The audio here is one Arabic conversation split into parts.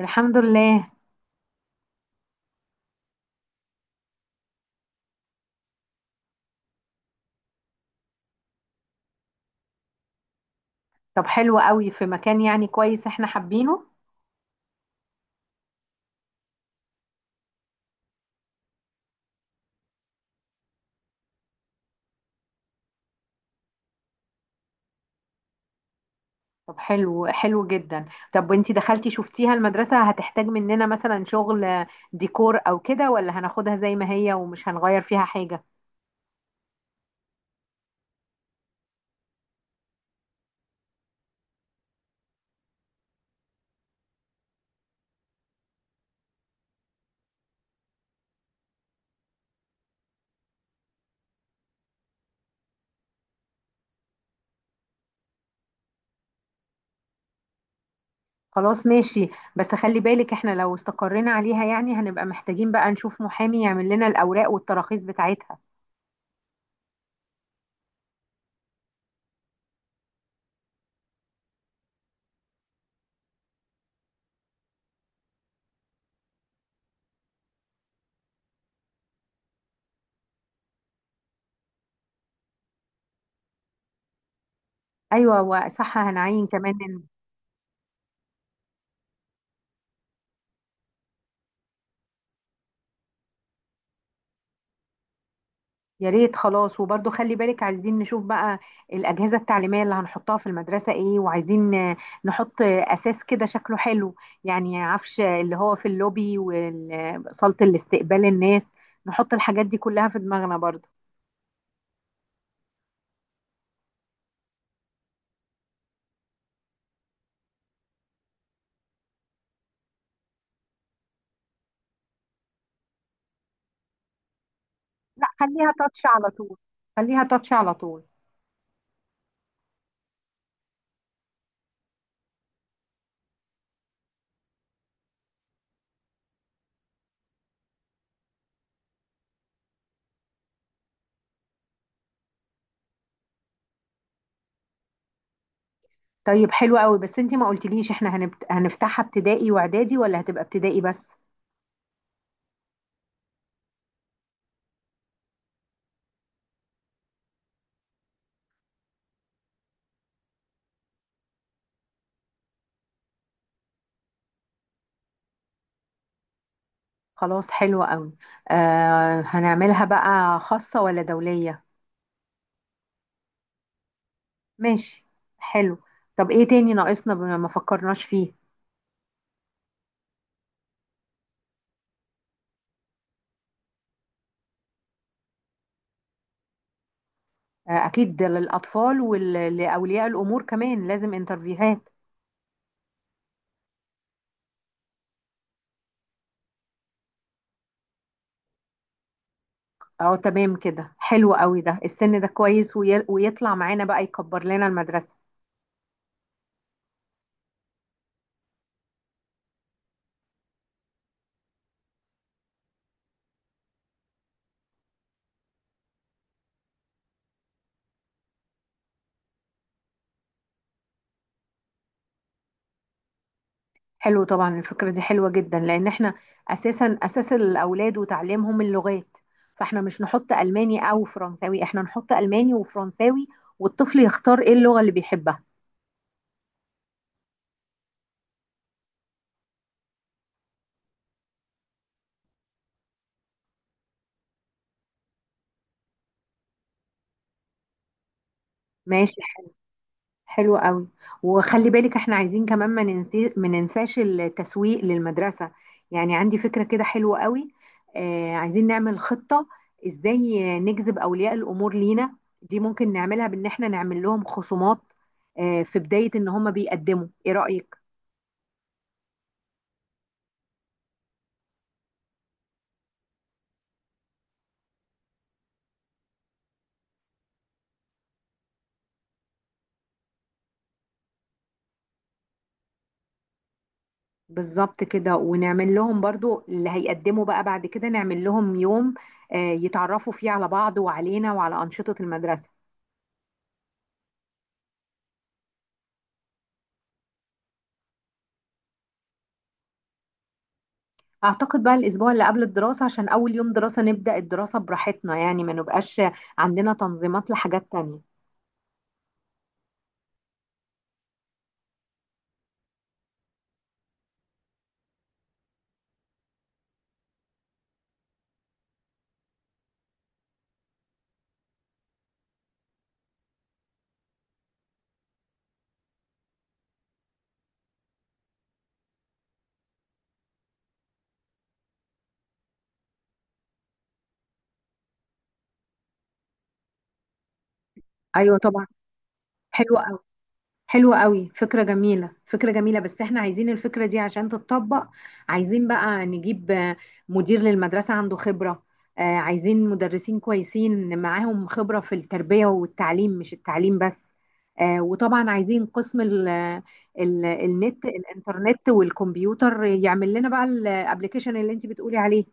الحمد لله. طب حلو قوي، في مكان يعني كويس احنا حابينه. طب حلو، حلو جدا. طب وانتي دخلتي شفتيها المدرسة؟ هتحتاج مننا مثلا شغل ديكور او كده، ولا هناخدها زي ما هي ومش هنغير فيها حاجة؟ خلاص ماشي، بس خلي بالك احنا لو استقرينا عليها يعني هنبقى محتاجين بقى نشوف محامي يعمل لنا الاوراق والتراخيص بتاعتها. ايوه، وصح هنعين كمان. يا ريت، خلاص. وبرضو خلي بالك، عايزين نشوف بقى الأجهزة التعليمية اللي هنحطها في المدرسة ايه، وعايزين نحط أساس كده شكله حلو، يعني عفش اللي هو في اللوبي وصالة الاستقبال الناس. نحط الحاجات دي كلها في دماغنا برضو. لا، خليها تاتش على طول، خليها تاتش على طول. طيب حلو قوي، بس انتي ما قلتليش احنا هنفتحها ابتدائي واعدادي ولا هتبقى ابتدائي بس؟ خلاص حلو قوي. آه، هنعملها بقى خاصة ولا دولية؟ ماشي، حلو. طب ايه تاني ناقصنا بما ما فكرناش فيه؟ اكيد ده للاطفال ولاولياء الامور كمان لازم انترفيوهات. اه تمام، كده حلو قوي، ده السن ده كويس، ويطلع معانا بقى يكبر لنا المدرسة. حلو، طبعا الفكرة دي حلوة جدا، لان احنا اساسا اساس الاولاد وتعليمهم اللغات، فاحنا مش نحط الماني او فرنساوي، احنا نحط الماني وفرنساوي، والطفل يختار ايه اللغة اللي بيحبها. ماشي، حلو قوي. وخلي بالك احنا عايزين كمان ما ننساش التسويق للمدرسة. يعني عندي فكرة كده حلوة قوي. آه، عايزين نعمل خطة ازاي نجذب اولياء الامور لينا. دي ممكن نعملها بان احنا نعمل لهم خصومات آه في بداية ان هم بيقدموا، ايه رأيك؟ بالظبط كده. ونعمل لهم برضو اللي هيقدموا بقى بعد كده، نعمل لهم يوم يتعرفوا فيه على بعض وعلينا وعلى أنشطة المدرسة. اعتقد بقى الاسبوع اللي قبل الدراسة، عشان اول يوم دراسة نبدأ الدراسة براحتنا، يعني ما نبقاش عندنا تنظيمات لحاجات تانية. ايوه طبعا. حلو، حلوة قوي فكرة، جميلة فكرة جميلة، بس احنا عايزين الفكرة دي عشان تتطبق عايزين بقى نجيب مدير للمدرسة عنده خبرة. عايزين مدرسين كويسين معاهم خبرة في التربية والتعليم، مش التعليم بس. وطبعا عايزين قسم ال النت الانترنت والكمبيوتر، يعمل لنا بقى الابليكيشن اللي انت بتقولي عليه.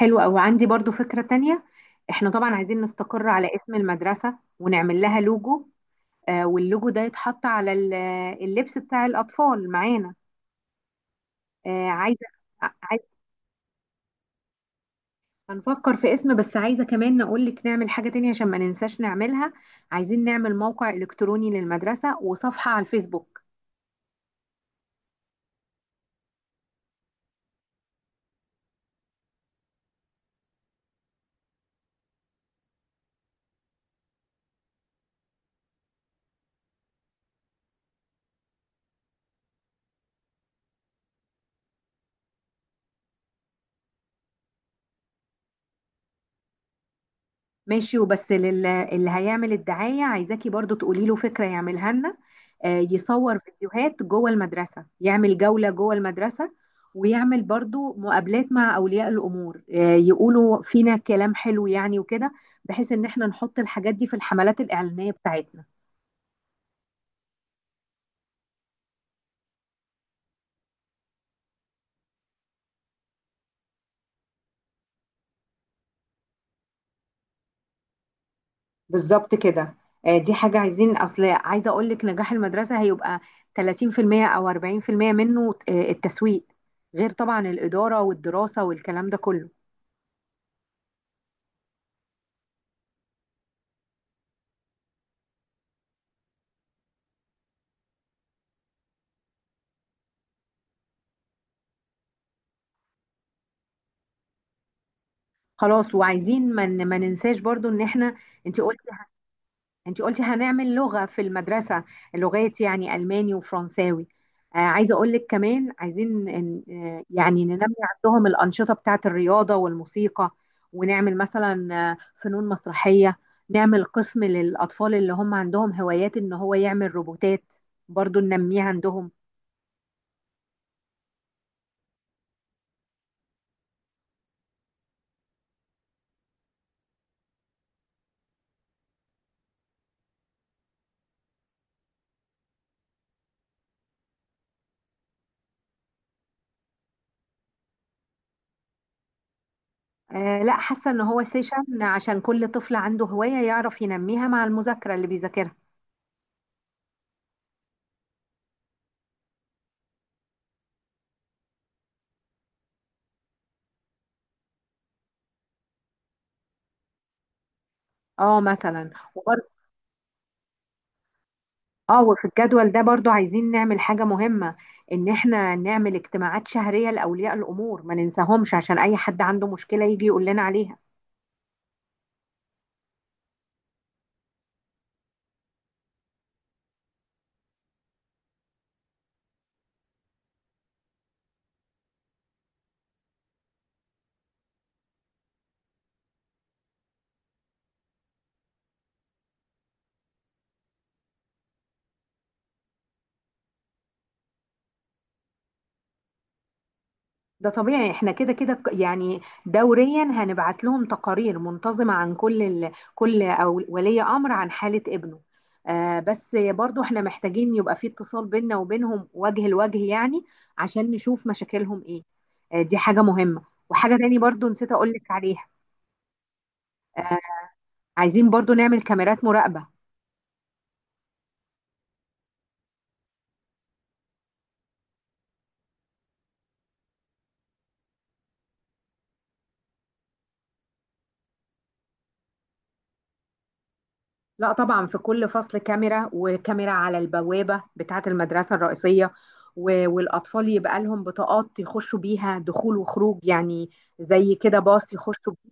حلو قوي، عندي برضو فكرة تانية. احنا طبعا عايزين نستقر على اسم المدرسة ونعمل لها لوجو. واللوجو ده يتحط على اللبس بتاع الأطفال معانا. آه، عايزة عايزة هنفكر في اسم، بس عايزة كمان نقول لك نعمل حاجة تانية عشان ما ننساش نعملها. عايزين نعمل موقع إلكتروني للمدرسة وصفحة على الفيسبوك. ماشي. وبس اللي هيعمل الدعاية، عايزاكي برضو تقولي له فكرة يعملها لنا. يصور فيديوهات جوه المدرسة، يعمل جولة جوه المدرسة، ويعمل برضو مقابلات مع أولياء الأمور، يقولوا فينا كلام حلو يعني وكده، بحيث إن احنا نحط الحاجات دي في الحملات الإعلانية بتاعتنا. بالظبط كده. دي حاجة عايزين، أصل عايزة أقول لك نجاح المدرسة هيبقى 30% أو 40% منه التسويق، غير طبعا الإدارة والدراسة والكلام ده كله. خلاص. وعايزين ما ننساش برضو ان احنا، انت قلتي انت قلتي هنعمل لغة في المدرسة، لغات يعني الماني وفرنساوي. آه، عايزة اقول لك كمان، عايزين إن يعني ننمي عندهم الأنشطة بتاعة الرياضة والموسيقى، ونعمل مثلا فنون مسرحية. نعمل قسم للأطفال اللي هم عندهم هوايات ان هو يعمل روبوتات، برضو ننميها عندهم. آه، لا، حاسة ان هو سيشن، عشان كل طفل عنده هواية يعرف ينميها مع المذاكرة اللي بيذاكرها. اه مثلا. وبرضه اه، وفي الجدول ده برضو عايزين نعمل حاجة مهمة، ان احنا نعمل اجتماعات شهرية لأولياء الأمور، ما ننساهمش، عشان اي حد عنده مشكلة يجي يقول لنا عليها. ده طبيعي، احنا كده كده يعني دوريا هنبعت لهم تقارير منتظمة عن كل أو ولي أمر عن حالة ابنه. آه، بس برضو احنا محتاجين يبقى في اتصال بيننا وبينهم وجه لوجه يعني، عشان نشوف مشاكلهم ايه. آه، دي حاجة مهمة، وحاجة تاني برضو نسيت اقول لك عليها. آه، عايزين برضو نعمل كاميرات مراقبة. لا طبعا، في كل فصل كاميرا، وكاميرا على البوابة بتاعة المدرسة الرئيسية، والأطفال يبقى لهم بطاقات يخشوا بيها دخول وخروج يعني، زي كده باص يخشوا بيه.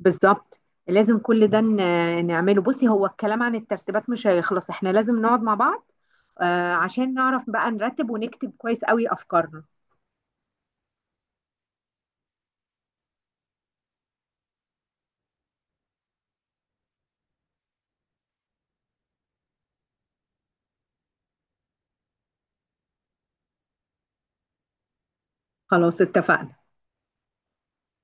بالظبط. لازم كل ده نعمله. بصي هو الكلام عن الترتيبات مش هيخلص، احنا لازم نقعد مع بعض عشان نعرف بقى نرتب ونكتب كويس قوي أفكارنا. خلاص اتفقنا.